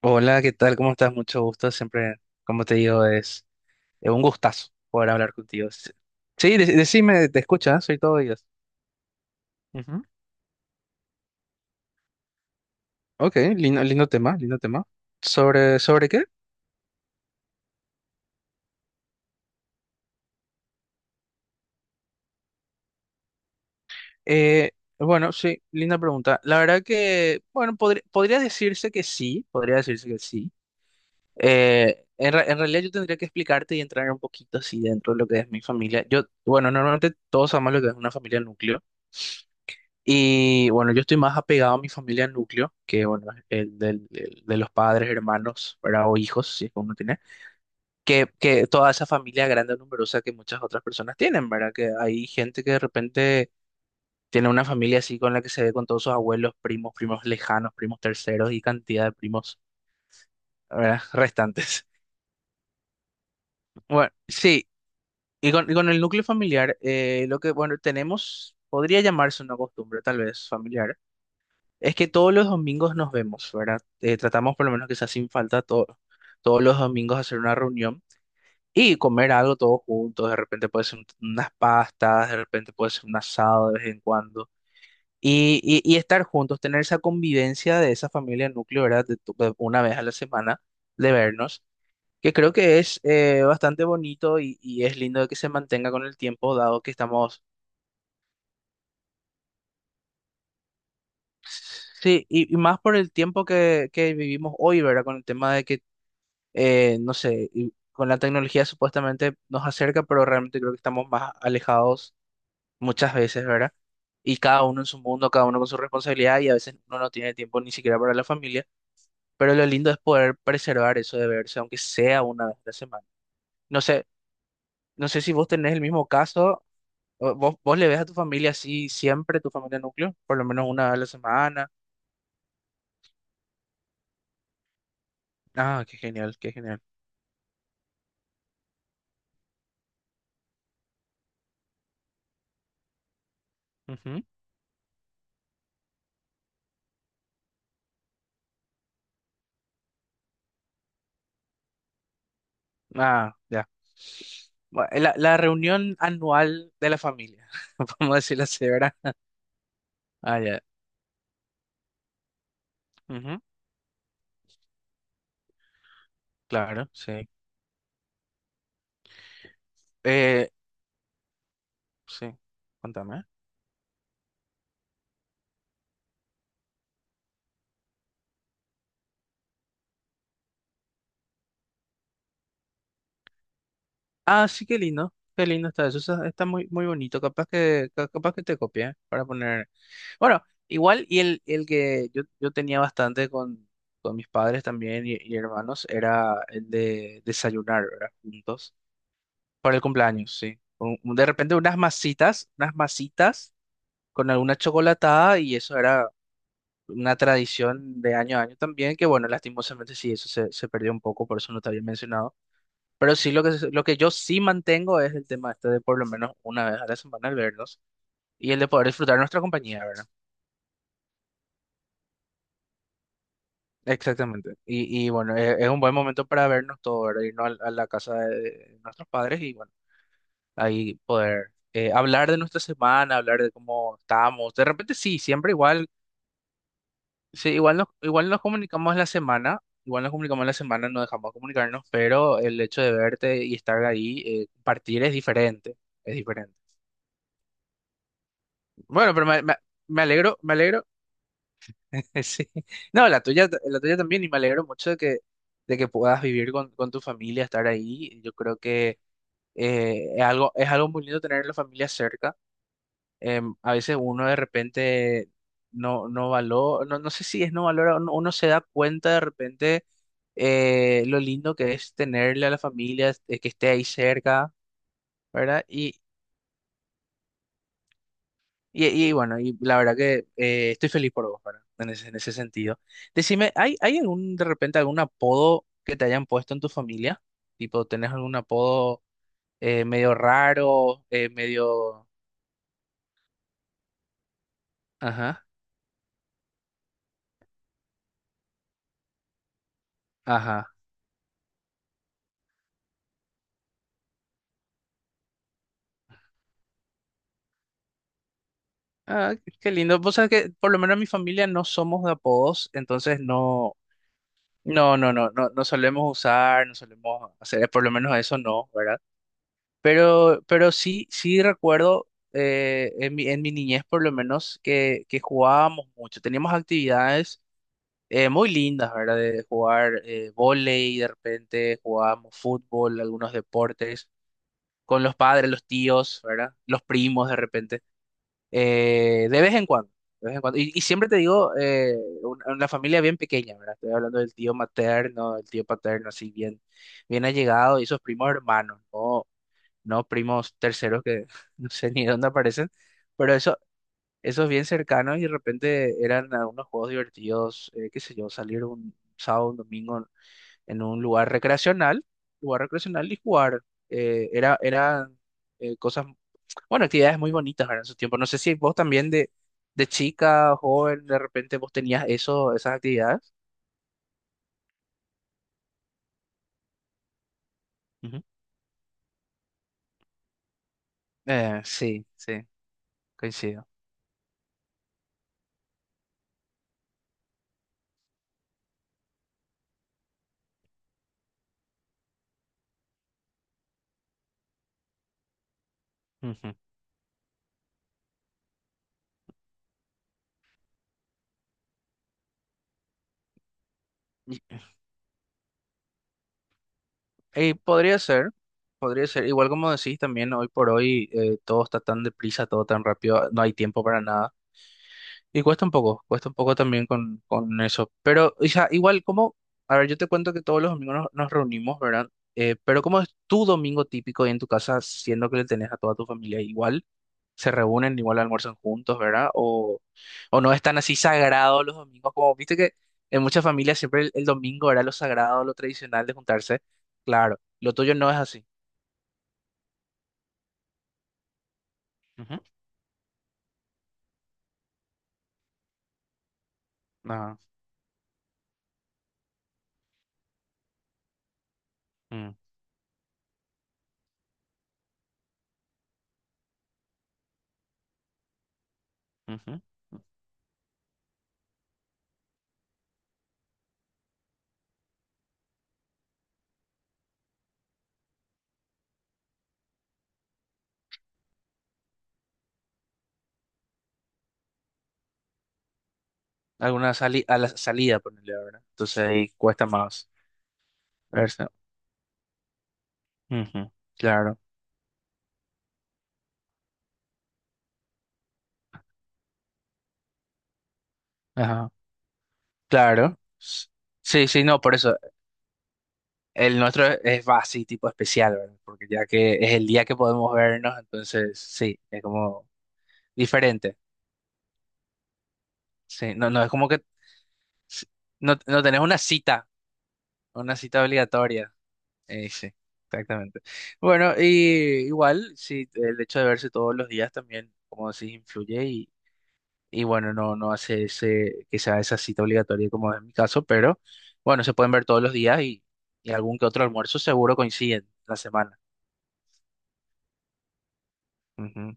Hola, ¿qué tal? ¿Cómo estás? Mucho gusto. Siempre, como te digo, es un gustazo poder hablar contigo. Sí, sí, decime, te escuchas, soy todo oídos. Ujú. Ok, lindo, lindo tema, lindo tema. ¿Sobre qué? Eh, bueno, sí, linda pregunta. La verdad que, bueno, podría decirse que sí, podría decirse que sí. En realidad yo tendría que explicarte y entrar un poquito así dentro de lo que es mi familia. Yo, bueno, normalmente todos amamos lo que es una familia nucleo. Y bueno, yo estoy más apegado a mi familia núcleo, que bueno, el de los padres, hermanos, ¿verdad? O hijos, si es que uno tiene, que toda esa familia grande, numerosa que muchas otras personas tienen, ¿verdad? Que hay gente que de repente tiene una familia así con la que se ve con todos sus abuelos, primos, primos lejanos, primos terceros y cantidad de primos, ¿verdad? Restantes. Bueno, sí, y con el núcleo familiar, lo que, bueno, tenemos, podría llamarse una costumbre, tal vez, familiar. Es que todos los domingos nos vemos, ¿verdad? Tratamos por lo menos que sea sin falta todos los domingos hacer una reunión y comer algo todos juntos. De repente puede ser unas pastas, de repente puede ser un asado de vez en cuando. Y estar juntos, tener esa convivencia de esa familia núcleo, ¿verdad? De una vez a la semana, de vernos, que creo que es bastante bonito y es lindo de que se mantenga con el tiempo, dado que estamos... Sí, y más por el tiempo que vivimos hoy, ¿verdad? Con el tema de que no sé, y con la tecnología supuestamente nos acerca, pero realmente creo que estamos más alejados muchas veces, ¿verdad? Y cada uno en su mundo, cada uno con su responsabilidad y a veces uno no tiene tiempo ni siquiera para la familia, pero lo lindo es poder preservar eso de verse, aunque sea una vez a la semana. No sé, no sé si vos tenés el mismo caso, o vos le ves a tu familia así siempre, tu familia núcleo, por lo menos una vez a la semana. Ah, qué genial, qué genial. Ah, ya. Bueno, la reunión anual de la familia, vamos a decirlo así, ¿verdad? Ah, ya. Ujú, claro, sí. Eh, sí, contame. Ah, sí, qué lindo. Qué lindo está eso. Está muy, muy bonito. Capaz que, capaz que te copie, ¿eh? Para poner. Bueno, igual, y el que yo tenía bastante con mis padres también y hermanos era el de desayunar, ¿verdad? Juntos. Para el cumpleaños, sí. De repente unas masitas, unas masitas. Con alguna chocolatada y eso era una tradición de año a año también, que bueno, lastimosamente sí, eso se perdió un poco, por eso no te había mencionado. Pero sí, lo que, lo que yo sí mantengo es el tema este de por lo menos una vez a la semana al vernos y el de poder disfrutar nuestra compañía, ¿verdad? Exactamente. Y bueno, es, un buen momento para vernos todos, ¿verdad? Irnos a, la casa de nuestros padres y bueno, ahí poder hablar de nuestra semana, hablar de cómo estamos. De repente sí, siempre igual. Sí, igual nos comunicamos la semana, no dejamos de comunicarnos, pero el hecho de verte y estar ahí, partir es diferente, es diferente. Bueno, pero me alegro, sí. No, la tuya también, y me alegro mucho de que puedas vivir con tu familia, estar ahí. Yo creo que es algo muy lindo tener la familia cerca. A veces uno de repente no, no valora, no, no sé si es no valora, uno se da cuenta de repente lo lindo que es tenerle a la familia, que esté ahí cerca, ¿verdad? Y bueno, y la verdad que estoy feliz por vos, ¿verdad? En ese sentido. Decime, ¿hay algún, de repente, algún apodo que te hayan puesto en tu familia? Tipo, ¿tenés algún apodo medio raro, medio...? Ajá, ajá. Ah, qué lindo. Vos sabés que por lo menos en mi familia no somos de apodos, entonces no, no, no, no, no, no solemos usar, no solemos hacer, por lo menos a eso no, ¿verdad? Pero sí, sí recuerdo en mi niñez por lo menos que jugábamos mucho. Teníamos actividades muy lindas, ¿verdad? De jugar vóley, de repente jugábamos fútbol, algunos deportes, con los padres, los tíos, ¿verdad? Los primos de repente. De vez en cuando, de vez en cuando. Y siempre te digo, una, familia bien pequeña, ¿verdad? Estoy hablando del tío materno, el tío paterno, así bien, bien allegado, y esos primos hermanos, no, no primos terceros que no sé ni de dónde aparecen, pero esos bien cercanos y de repente eran algunos juegos divertidos, qué sé yo, salir un sábado, un domingo en un lugar recreacional y jugar. Eran cosas bueno, actividades muy bonitas, ¿verdad? En su tiempo. No sé si vos también de chica, joven, de repente vos tenías eso, esas actividades. Ujú. Sí, sí, coincido. Ujú. Y, y podría ser, podría ser. Igual como decís también, hoy por hoy todo está tan deprisa, todo tan rápido, no hay tiempo para nada. Y cuesta un poco también con eso. Pero o sea, igual como, a ver, yo te cuento que todos los domingos nos reunimos, ¿verdad? Pero ¿cómo es tu domingo típico ahí en tu casa, siendo que le tenés a toda tu familia igual? Se reúnen, igual almuerzan juntos, ¿verdad? O no están así sagrados los domingos, como viste que en muchas familias siempre el domingo era lo sagrado, lo tradicional de juntarse. Claro, lo tuyo no es así. Ujú, ajá, mm, ujú. Alguna sali a la salida, ponerle, ¿verdad? Entonces ahí cuesta más verse. Ujú, claro, ajá, claro. Sí, sí, no, por eso. El nuestro es va así, tipo especial, ¿verdad? Porque ya que es el día que podemos vernos, entonces sí, es como diferente. Sí, no, no, es como que s- no, no tenés una cita obligatoria. Sí, exactamente. Bueno, y igual, sí, el hecho de verse todos los días también, como decís, influye y bueno, no, no hace ese, que sea esa cita obligatoria como es mi caso, pero bueno, se pueden ver todos los días y algún que otro almuerzo seguro coinciden la semana. Ujú.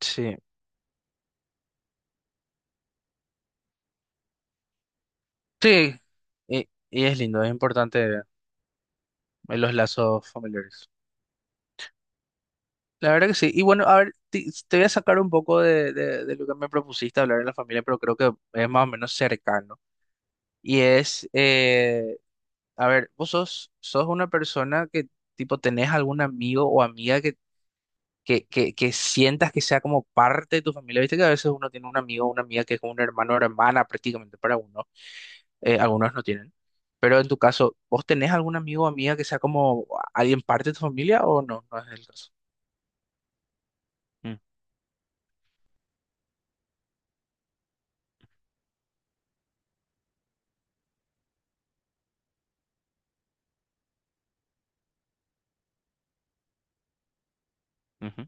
Sí, sí, y es lindo, es importante los lazos familiares. La verdad que sí. Y bueno, a ver, te voy a sacar un poco de lo que me propusiste hablar en la familia, pero creo que es más o menos cercano. Y a ver, vos sos una persona que, tipo, tenés algún amigo o amiga que sientas que sea como parte de tu familia. Viste que a veces uno tiene un amigo o una amiga que es como un hermano o hermana prácticamente para uno. Algunos no tienen. Pero en tu caso, ¿vos tenés algún amigo o amiga que sea como alguien parte de tu familia o no? No es el caso. Mm, ujú.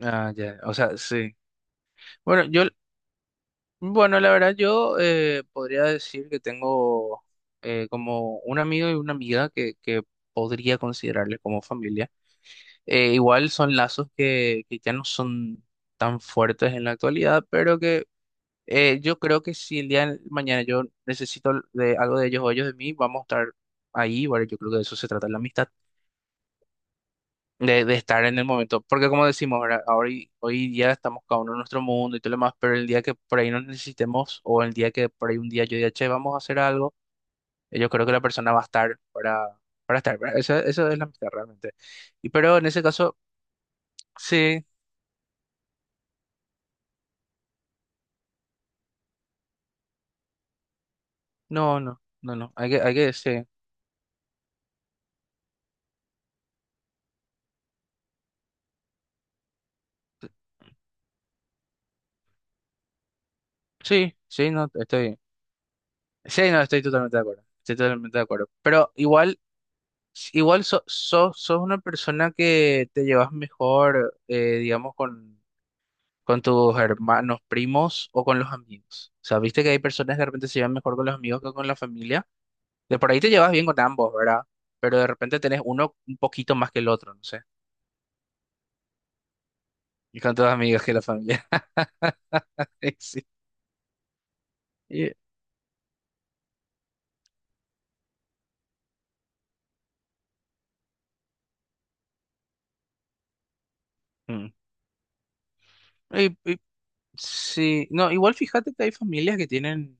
Ah, ya, o sea, sí. Bueno, bueno, la verdad yo podría decir que tengo como un amigo y una amiga que podría considerarle como familia. Igual son lazos que ya no son tan fuertes en la actualidad, pero que yo creo que si el día de mañana yo necesito de algo de ellos o ellos de mí, vamos a estar ahí. Bueno, yo creo que de eso se trata la amistad. De estar en el momento. Porque como decimos, ¿verdad? Ahora, hoy día estamos cada uno en nuestro mundo y todo lo demás, pero el día que por ahí nos necesitemos o el día que por ahí un día yo diga, che, vamos a hacer algo, yo creo que la persona va a estar para estar. ¿Verdad? Eso es la amistad realmente. Y pero en ese caso, sí, no, no, no, no, hay que, sí, sí, sí, no, estoy totalmente de acuerdo, estoy totalmente de acuerdo. Pero igual... Igual sos una persona que te llevas mejor, digamos, con tus hermanos, primos o con los amigos. O sea, viste que hay personas que de repente se llevan mejor con los amigos que con la familia. De por ahí te llevas bien con ambos, ¿verdad? Pero de repente tenés uno un poquito más que el otro, no sé. Y con tus amigos que la familia. Y sí. Y- mm. Y- y- sí. No, igual fíjate que hay familias que tienen,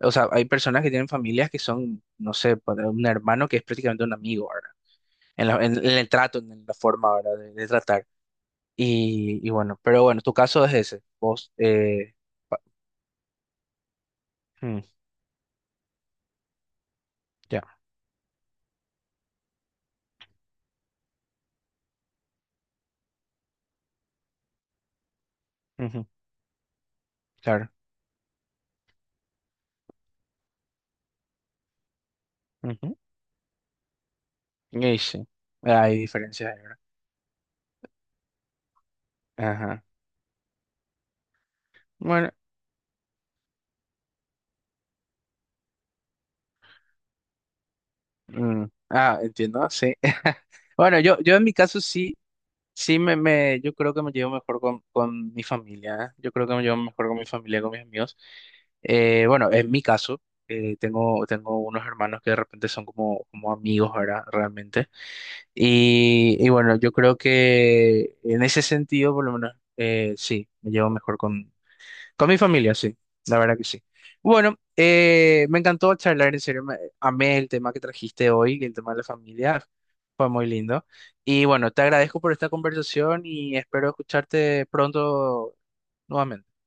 o sea, hay personas que tienen familias que son, no sé, para un hermano que es prácticamente un amigo, ¿verdad? En el trato, en la forma, ¿verdad? De tratar. Y bueno, pero bueno, tu caso es ese. Vos, mm, ya, ujú, claro. Ujú. Y sí, hay diferencias ahí, ¿verdad? Ajá. Bueno, mm, ah, entiendo, sí. Bueno, yo en mi caso sí, sí yo creo que me llevo mejor con mi familia. ¿Eh? Yo creo que me llevo mejor con mi familia, con mis amigos. Bueno, en mi caso, tengo unos hermanos que de repente son como, como amigos, ¿verdad? Realmente. Y bueno, yo creo que en ese sentido, por lo menos, sí, me llevo mejor con mi familia, sí, la verdad que sí. Bueno, me encantó charlar, en serio, amé el tema que trajiste hoy, el tema de la familia, fue muy lindo. Y bueno, te agradezco por esta conversación y espero escucharte pronto nuevamente.